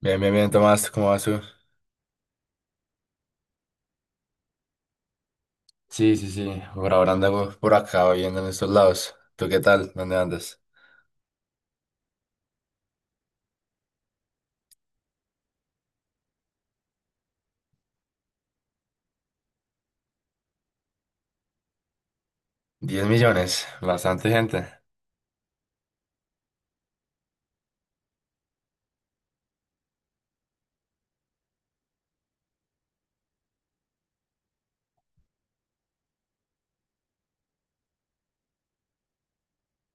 Bien, bien, bien, Tomás, ¿cómo vas tú? Sí, sí, sí, por ahora ando por acá viviendo en estos lados. ¿Tú qué tal? ¿Dónde andas? 10 millones, bastante gente.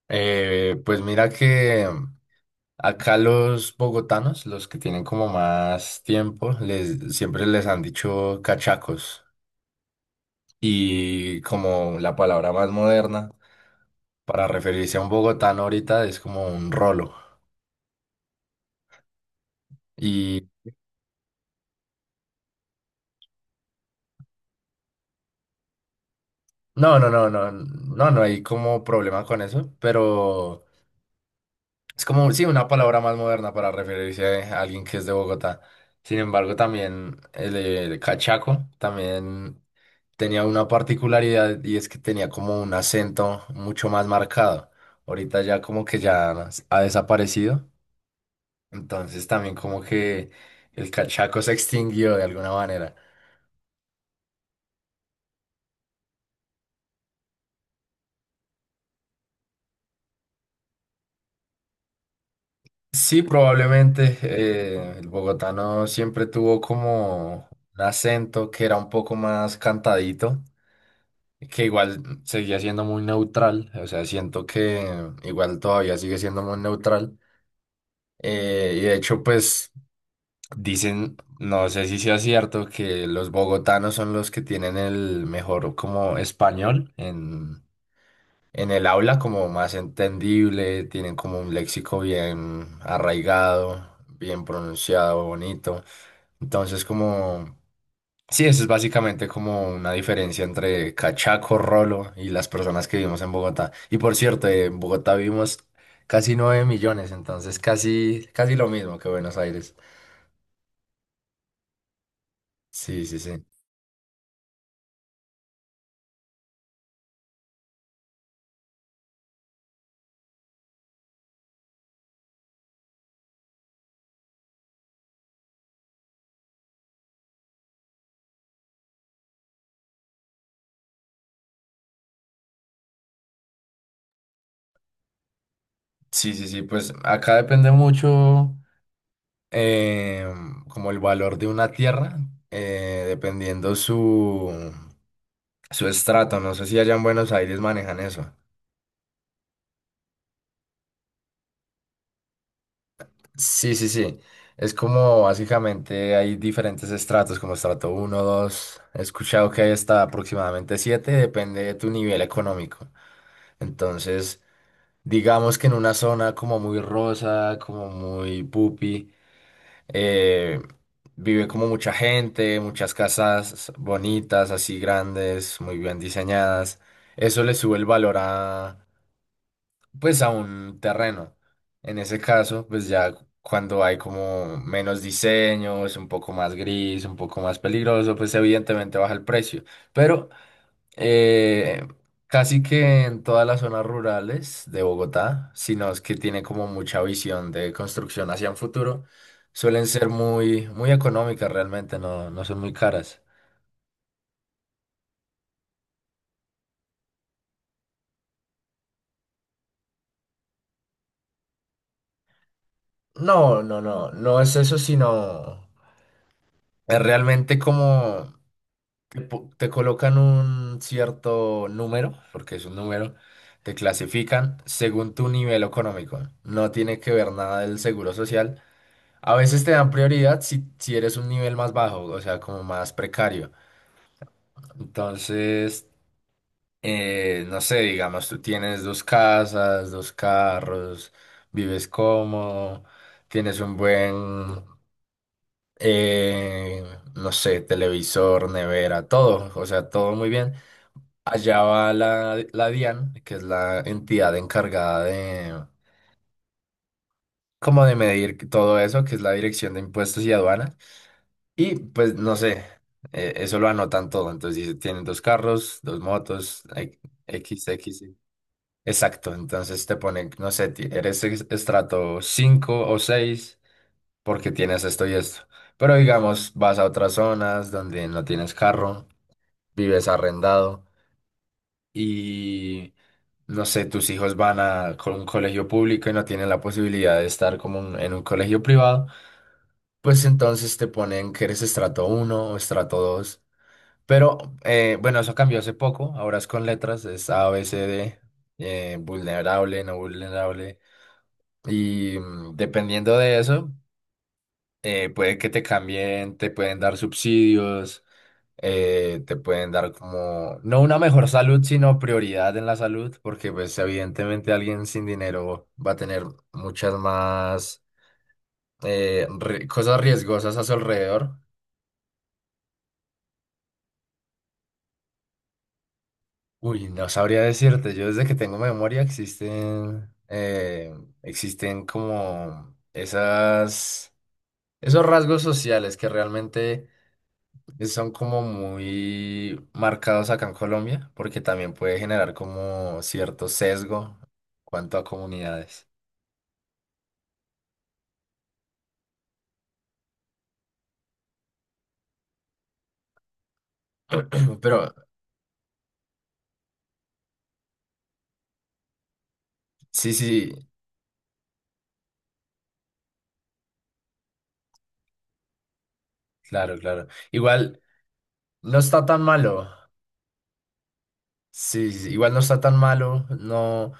Pues mira que acá los bogotanos, los que tienen como más tiempo, siempre les han dicho cachacos. Y como la palabra más moderna para referirse a un bogotano ahorita es como un rolo. Y no, no, no, no, no, no hay como problema con eso, pero. Es como, sí, una palabra más moderna para referirse a alguien que es de Bogotá. Sin embargo, también el cachaco también tenía una particularidad, y es que tenía como un acento mucho más marcado. Ahorita ya como que ya ha desaparecido. Entonces también como que el cachaco se extinguió de alguna manera. Sí, probablemente el bogotano siempre tuvo como un acento que era un poco más cantadito, que igual seguía siendo muy neutral. O sea, siento que igual todavía sigue siendo muy neutral, y de hecho, pues dicen, no sé si sea cierto, que los bogotanos son los que tienen el mejor como español en el aula, como más entendible, tienen como un léxico bien arraigado, bien pronunciado, bonito. Entonces. Sí, eso es básicamente como una diferencia entre cachaco, rolo y las personas que vivimos en Bogotá. Y por cierto, en Bogotá vivimos casi 9 millones, entonces casi, casi lo mismo que Buenos Aires. Sí, sí, sí. Sí, sí, sí, pues acá depende mucho, eh, como el valor de una tierra, dependiendo su estrato. No sé si allá en Buenos Aires manejan eso. Sí, sí, sí. Es como básicamente hay diferentes estratos, como estrato uno, dos. He escuchado que hay hasta aproximadamente siete, depende de tu nivel económico. Entonces, digamos que en una zona como muy rosa, como muy pupi, eh, vive como mucha gente, muchas casas bonitas, así grandes, muy bien diseñadas. Eso le sube el valor a, pues, a un terreno. En ese caso, pues ya cuando hay como menos diseños, un poco más gris, un poco más peligroso, pues evidentemente baja el precio. Pero eh, casi que en todas las zonas rurales de Bogotá, sino es que tiene como mucha visión de construcción hacia un futuro, suelen ser muy, muy económicas realmente, no son muy caras. No, no, no, no es eso, sino es realmente como te colocan un cierto número, porque es un número, te clasifican según tu nivel económico. No tiene que ver nada del seguro social. A veces te dan prioridad si eres un nivel más bajo, o sea, como más precario. Entonces, no sé, digamos, tú tienes dos casas, dos carros, vives cómodo, tienes un buen, eh, no sé, televisor, nevera, todo, o sea, todo muy bien. Allá va la DIAN, que es la entidad encargada de, como, de medir todo eso, que es la Dirección de Impuestos y Aduanas. Y pues no sé, eso lo anotan todo. Entonces dice, tienen dos carros, dos motos, X, X. Y". Exacto, entonces te ponen, no sé, eres estrato 5 o seis, porque tienes esto y esto. Pero digamos, vas a otras zonas donde no tienes carro, vives arrendado. Y no sé, tus hijos van a un colegio público y no tienen la posibilidad de estar como en un colegio privado, pues entonces te ponen que eres estrato uno o estrato dos. Pero, bueno, eso cambió hace poco, ahora es con letras, es A, B, C, D, vulnerable, no vulnerable. Y, dependiendo de eso, puede que te cambien, te pueden dar subsidios, te pueden dar como, no una mejor salud, sino prioridad en la salud, porque pues evidentemente alguien sin dinero va a tener muchas más, cosas riesgosas a su alrededor. Uy, no sabría decirte, yo desde que tengo memoria existen, existen como esos rasgos sociales que realmente son como muy marcados acá en Colombia, porque también puede generar como cierto sesgo en cuanto a comunidades. Pero sí, sí, sí, claro, claro. Igual no está tan malo. Sí, sí, sí, igual no está tan malo, no,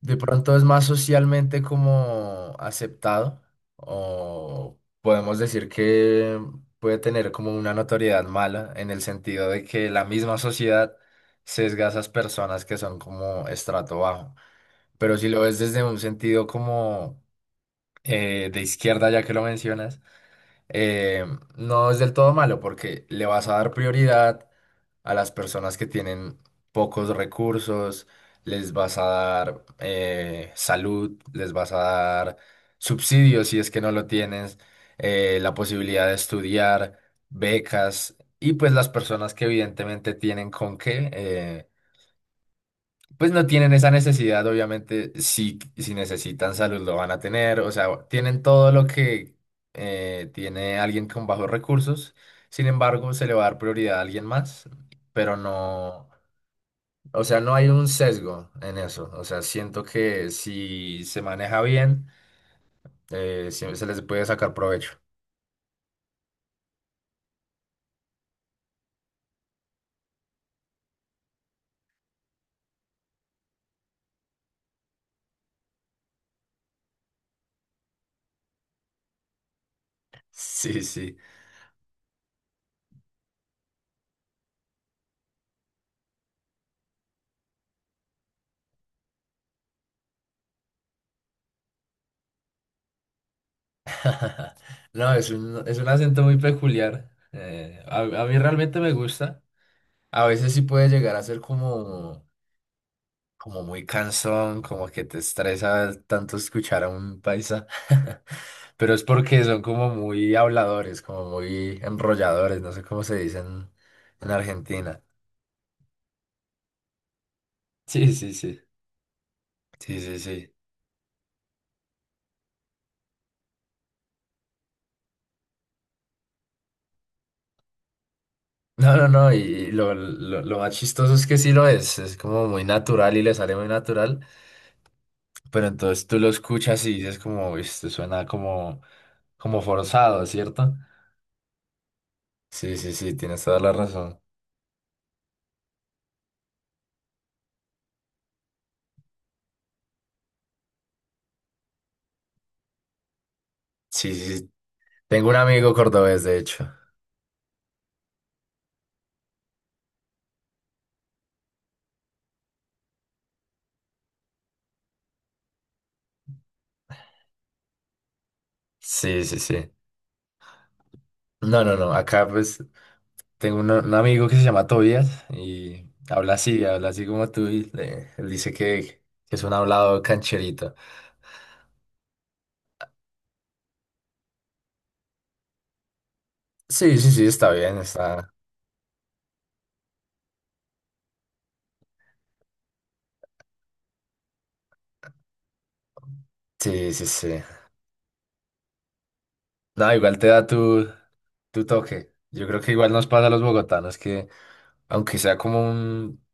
de pronto es más socialmente como aceptado, o podemos decir que puede tener como una notoriedad mala en el sentido de que la misma sociedad sesga a esas personas que son como estrato bajo. Pero si lo ves desde un sentido como, de izquierda, ya que lo mencionas, eh, no es del todo malo porque le vas a dar prioridad a las personas que tienen pocos recursos, les vas a dar, salud, les vas a dar subsidios si es que no lo tienes, la posibilidad de estudiar, becas, y pues las personas que evidentemente tienen con qué, pues no tienen esa necesidad, obviamente, si necesitan salud lo van a tener, o sea, tienen todo lo que, tiene alguien con bajos recursos. Sin embargo, se le va a dar prioridad a alguien más, pero no, o sea, no hay un sesgo en eso. O sea, siento que si se maneja bien, siempre se les puede sacar provecho. Sí, sí. No, es un acento muy peculiar. A mí realmente me gusta. A veces sí puede llegar a ser como, muy cansón, como que te estresa tanto escuchar a un paisa. Pero es porque son como muy habladores, como muy enrolladores, no sé cómo se dicen en Argentina. Sí, sí, sí. Sí, sí, sí. No, no, no, y lo más chistoso es que sí lo es como muy natural y le sale muy natural, pero entonces tú lo escuchas y dices como, "Uy, esto suena como, forzado, ¿cierto? Sí, sí, sí, tienes toda la razón. Sí, sí, sí. Tengo un amigo cordobés, de hecho. Sí, sí, sí. No, no, no, acá pues tengo un amigo que se llama Tobias y habla así como tú, y él dice que, es un hablado cancherito. Sí, sí, sí, está bien, está. Sí, sí, sí. No, igual te da tu toque. Yo creo que igual nos pasa a los bogotanos que, aunque sea como un,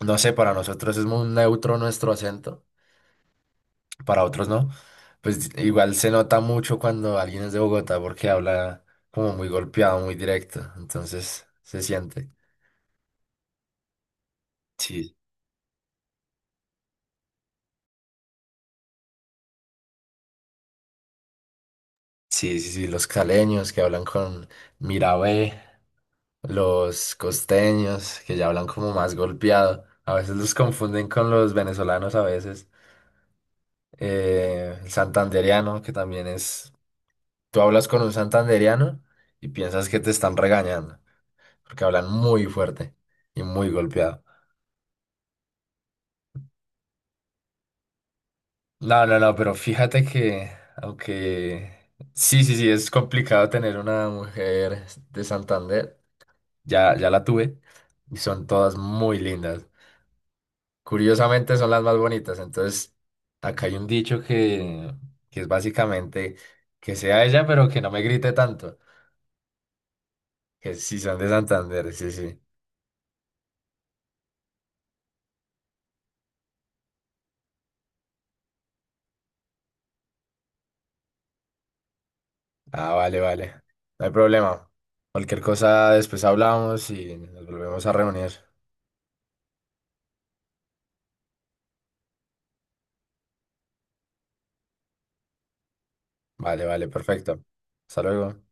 no sé, para nosotros es muy neutro nuestro acento, para otros no, pues igual se nota mucho cuando alguien es de Bogotá porque habla como muy golpeado, muy directo. Entonces se siente. Sí, sí, sí, sí. Los caleños que hablan con Mirabé, los costeños que ya hablan como más golpeado. A veces los confunden con los venezolanos a veces. El santandereano, que también es, tú hablas con un santandereano y piensas que te están regañando, porque hablan muy fuerte y muy golpeado. No, no, no, pero fíjate que, aunque sí, sí, sí, es complicado tener una mujer de Santander, ya, ya la tuve y son todas muy lindas. Curiosamente son las más bonitas, entonces acá hay un dicho que, es básicamente que sea ella, pero que no me grite tanto. Que sí, son de Santander, sí, sí. Ah, vale, vale. No hay problema. Cualquier cosa después hablamos y nos volvemos a reunir. Vale, vale, perfecto. Hasta luego.